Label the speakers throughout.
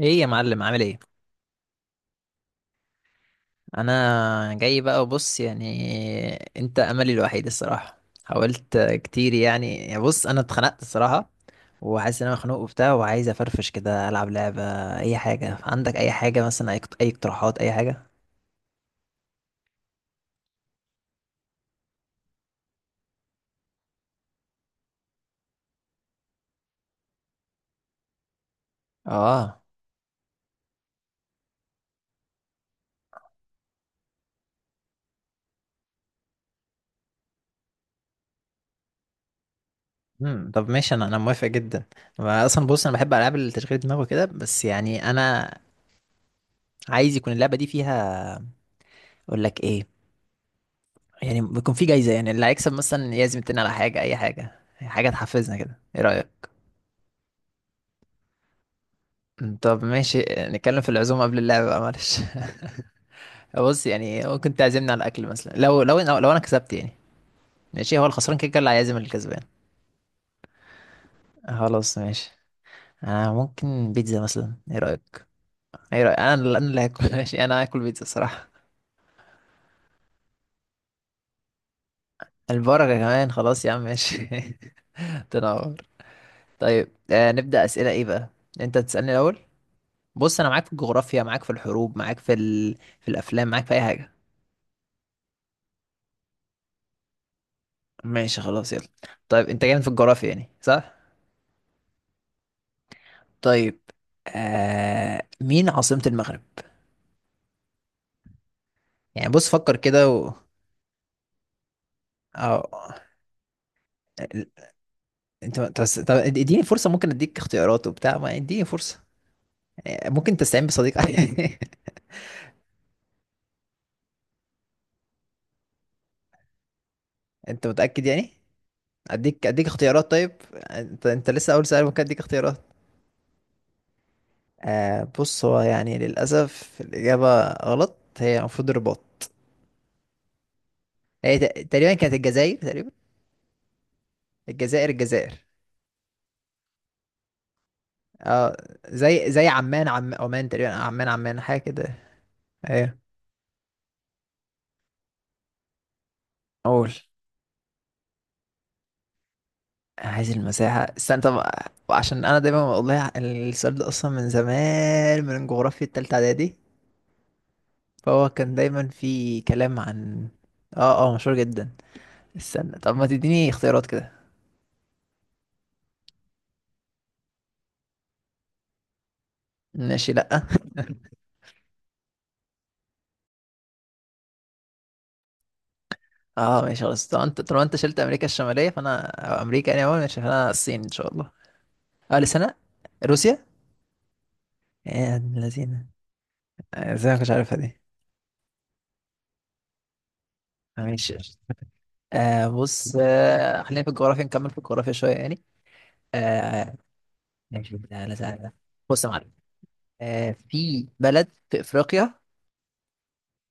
Speaker 1: ايه يا معلم، عامل ايه؟ انا جاي بقى وبص يعني، انت املي الوحيد الصراحه. حاولت كتير يعني بص انا اتخنقت الصراحه، وحاسس ان انا مخنوق وبتاع، وعايز افرفش كده، العب لعبه اي حاجه. عندك اي حاجه مثلا؟ اي اقتراحات اي حاجه. اه. طب ماشي، انا موافق جدا. أنا اصلا بص انا بحب العاب التشغيل دماغ وكده، بس يعني انا عايز يكون اللعبه دي فيها، اقول لك ايه، يعني بيكون في جايزه، يعني اللي هيكسب مثلا يعزم التاني على حاجه، اي حاجه، حاجه تحفزنا كده. ايه رايك؟ طب ماشي، نتكلم في العزومة قبل اللعبة بقى، معلش. بص يعني ممكن تعزمني على الأكل مثلا، لو أنا كسبت يعني. ماشي هو الخسران كده كده اللي هيعزم الكسبان. خلاص ماشي. أنا ممكن بيتزا مثلا، إيه رأيك؟ إيه رأيك؟ أنا اللي هاكل ماشي، أنا هاكل بيتزا صراحة. البركة كمان، خلاص يا عم ماشي. تنور. طيب، نبدأ أسئلة إيه بقى؟ أنت تسألني الأول. بص أنا معاك في الجغرافيا، معاك في الحروب، معاك في الأفلام معاك في أي حاجة. ماشي خلاص يلا. طيب أنت جامد في الجغرافيا يعني، صح؟ طيب. مين عاصمة المغرب؟ يعني بص فكر كده و... اه. ال- انت بس، طب اديني فرصة، ممكن اديك اختيارات وبتاع، ما اديني فرصة. ممكن تستعين بصديق. انت متأكد يعني؟ اديك اختيارات طيب. انت لسه اول سؤال، ممكن اديك اختيارات. بص، هو يعني للأسف الإجابة غلط، هي المفروض الرباط. هي تقريبا كانت الجزائر، تقريبا. الجزائر، الجزائر. اه. زي عمان، عمان تقريبا، عمان عمان حاجة كده. ايوه. اقول. عايز المساحة، استنى طب. عشان انا دايما بقول لها، السؤال ده اصلا من زمان، من جغرافيا التالتة اعدادي، فهو كان دايما في كلام عن. اه اه، مشهور جدا. استنى طب ما تديني اختيارات كده. ماشي لا اه ماشي خلاص، طب انت طالما انت شلت امريكا الشمالية فانا، أو امريكا يعني اول، ماشي فانا الصين ان شاء الله. اه لسنة. روسيا. يا ابن الذين. ازاي ما كنتش عارفها دي؟ ماشي. بص، خلينا في الجغرافيا، نكمل في الجغرافيا شوية يعني. آه ماشي، لا لا سهل ده. بص يا معلم، في بلد في افريقيا،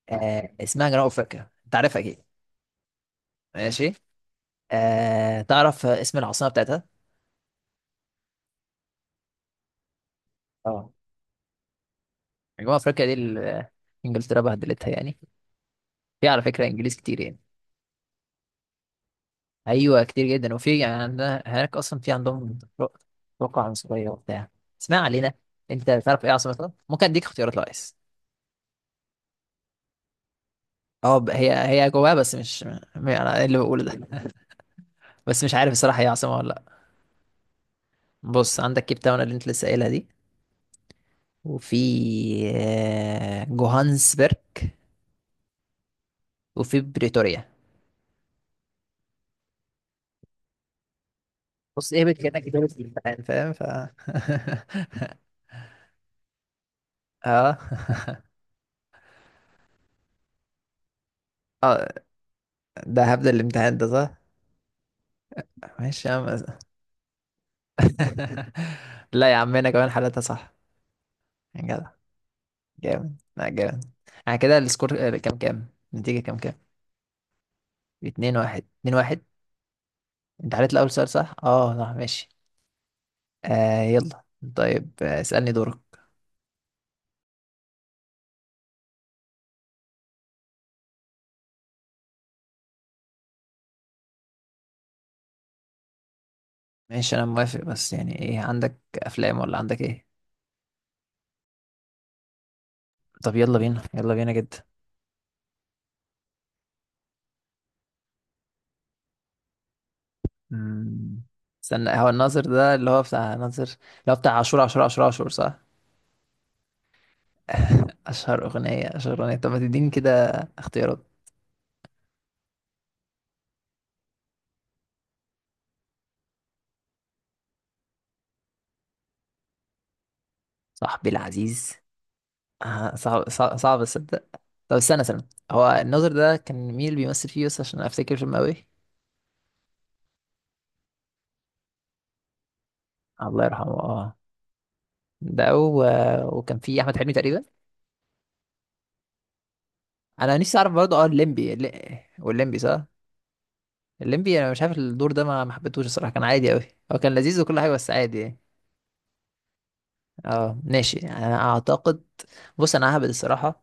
Speaker 1: اسمها جنوب افريقيا، انت عارفها اكيد. ماشي. تعرف اسم العاصمه بتاعتها؟ اه. جنوب افريقيا دي انجلترا بهدلتها يعني. في على فكره انجليز كتير يعني. ايوه كتير جدا، وفي يعني عندنا هناك اصلا، في عندهم توقع عنصريه وبتاع. اسمع علينا. انت تعرف ايه عاصمتها؟ ممكن اديك اختيارات لو عايز. اه هي جواها، بس مش انا إيه اللي بقوله ده؟ بس مش عارف الصراحه، هي عاصمه ولا لا. بص عندك كيب تاون اللي انت لسه قايلها دي، وفي جوهانسبرج، وفي بريتوريا. بص ايه، كأنك جاوبت في الامتحان فاهم، اه. اه ده هبدأ الامتحان ده، صح؟ ماشي يا عم. لا يا عم انا كمان حالتها صح، يا جدع. جامد، لا جامد. يعني كده السكور كام كام؟ النتيجة كام كام؟ اتنين واحد، اتنين واحد. انت حليت الأول سؤال صح، اه صح ماشي. يلا. طيب، اسألني دورك. ماشي انا موافق، بس يعني ايه، عندك افلام ولا عندك ايه؟ طب يلا بينا، يلا بينا جدا. مم. استنى، هو الناظر ده اللي هو بتاع ناظر، اللي هو بتاع عاشور، عاشور، عاشور، عاشور، صح؟ اشهر اغنية، اشهر اغنية، طب ما تديني كده اختيارات. صاحبي العزيز. صعب، صعب, صعب اصدق. طب استنى، استنى هو الناظر ده كان مين اللي بيمثل فيه بس عشان افتكر، فيلم قوي. الله يرحمه، اه. ده و... وكان فيه احمد حلمي تقريبا. انا نفسي اعرف برضه، اه الليمبي والليمبي، صح. الليمبي، انا مش عارف الدور ده، ما حبيتهوش الصراحه، كان عادي قوي. هو كان لذيذ وكل حاجه، بس عادي يعني. اه ماشي يعني، انا اعتقد. بص انا ههبد الصراحه.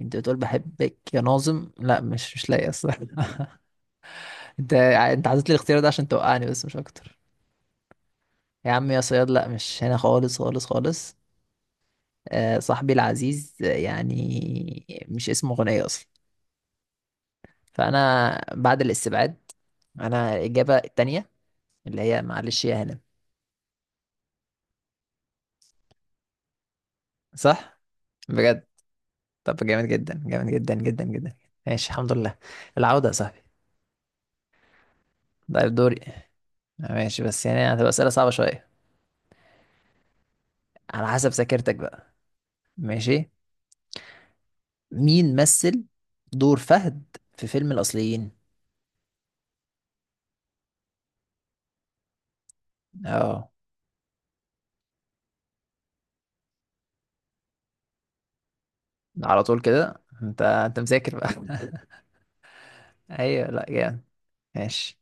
Speaker 1: انت بتقول بحبك يا ناظم؟ لا مش لاقي اصلا انت حطيت لي الاختيار ده عشان توقعني، بس مش اكتر. يا عم يا صياد، لا مش هنا خالص خالص خالص. صاحبي العزيز، يعني مش اسمه غنية اصلا. فانا بعد الاستبعاد، انا الاجابه التانية، اللي هي معلش يا هنا. صح؟ بجد؟ طب جامد جدا، جامد جدا جدا جدا. ماشي الحمد لله. العوده يا صاحبي. طيب دوري. ماشي، بس يعني هتبقى أسئلة صعبة شوية، على حسب ذاكرتك بقى. ماشي. مين مثل دور فهد في فيلم الأصليين؟ اه. على طول كده، انت مذاكر بقى ايوه، لا جامد. ماشي.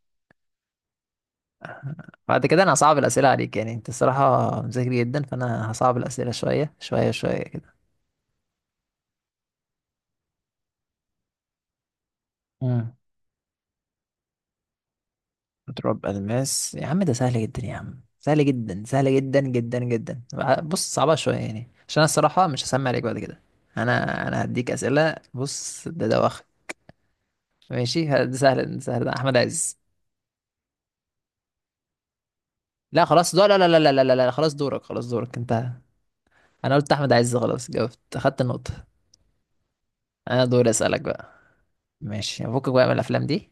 Speaker 1: بعد كده انا هصعب الأسئلة عليك، يعني انت الصراحة مذاكر جدا، فانا هصعب الأسئلة شوية شوية شوية كده. مم. تراب الماس يا عم، ده سهل جدا يا عم، سهل جدا، سهل جدا جدا جدا. بص صعبة شوية يعني، عشان انا الصراحة مش هسمع عليك بعد كده. انا هديك اسئلة، بص ده واخد. ماشي ده سهل، ده سهل، ده احمد عز. لا خلاص دور، لا لا لا لا لا لا لا، خلاص دورك انت. انا قلت احمد عز خلاص، جاوبت، اخدت النقطة. انا دوري اسألك بقى. ماشي فكك بقى من الافلام دي،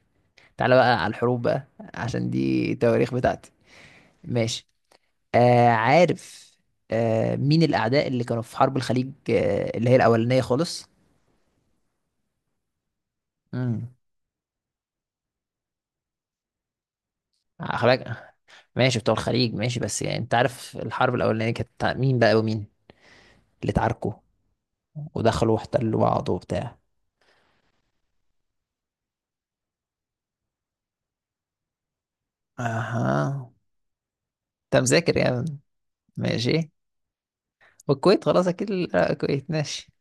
Speaker 1: تعالى بقى على الحروب بقى، عشان دي التواريخ بتاعتي. ماشي. عارف، مين الأعداء اللي كانوا في حرب الخليج، اللي هي الأولانية خالص؟ امم خلاك. ماشي بتوع الخليج، ماشي بس يعني أنت عارف الحرب الأولانية كانت بتاع مين بقى، ومين اللي اتعاركوا ودخلوا واحتلوا بعض وبتاع؟ اها. انت مذاكر يعني. ماشي. والكويت خلاص اكيد، لا، الكويت ماشي.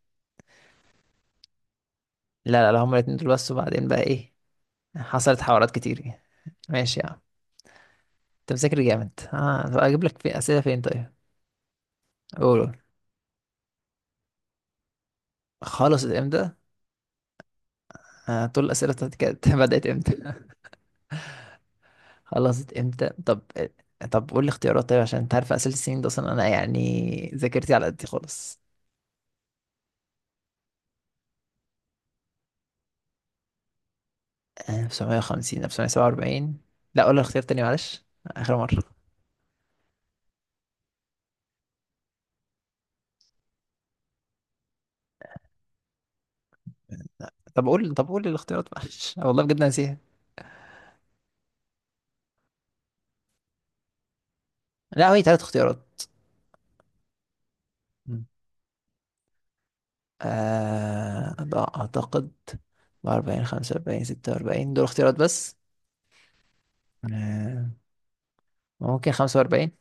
Speaker 1: لا لا لا، هما الاتنين دول بس، وبعدين بقى ايه؟ حصلت حوارات كتير يعني. ماشي يا عم. انت مذاكر جامد، اه طب اجيب لك في اسئله فين طيب؟ قول، قول. خلصت امتى؟ طول الأسئلة بتاعتي كانت بدأت امتى؟ خلصت امتى؟ طب طب قول لي اختيارات طيب، عشان انت عارف أسئلة السنين ده أصلا، أنا يعني ذاكرتي على قد خالص. 1950، 1947. لا قول لي الاختيار تاني، معلش آخر مرة. طب قول لي الاختيارات، معلش أنا والله بجد ناسيها. لا هي تلات اختيارات. مم. ده أعتقد 44 45 46 دول اختيارات بس. آه ممكن 45،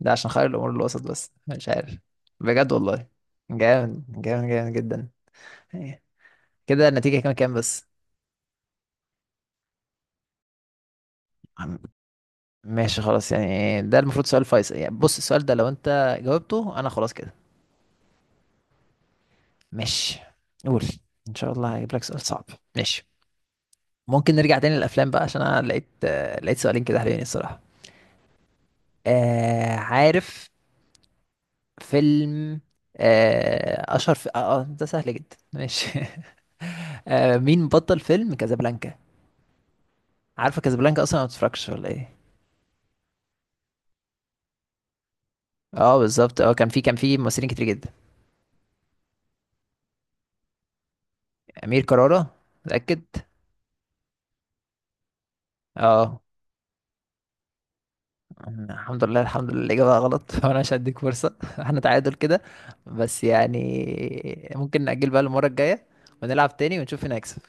Speaker 1: ده عشان خير الامور الوسط، بس مش عارف. بجد والله. جامد جامد جامد جدا. إيه. كده النتيجة كام كام بس؟ عم- ماشي خلاص، يعني ده المفروض سؤال فيصل، يعني بص السؤال ده لو انت جاوبته انا خلاص كده. ماشي. قول. ان شاء الله هجيب لك سؤال صعب. ماشي. ممكن نرجع تاني للافلام بقى، عشان انا لقيت سؤالين كده حلوين الصراحة. عارف، فيلم، آه اشهر في... آه آه، ده سهل جدا ماشي مين بطل فيلم كازابلانكا؟ عارفه كازابلانكا اصلا؟ ما بتتفرجش ولا ايه؟ اه بالظبط، اه كان في ممثلين كتير جدا. امير كرارة. متاكد؟ اه. الحمد لله، الحمد لله الاجابه غلط وانا مش هديك فرصه احنا تعادل كده، بس يعني ممكن نأجل بقى المره الجايه، ونلعب تاني، ونشوف مين هيكسب.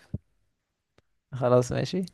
Speaker 1: خلاص ماشي.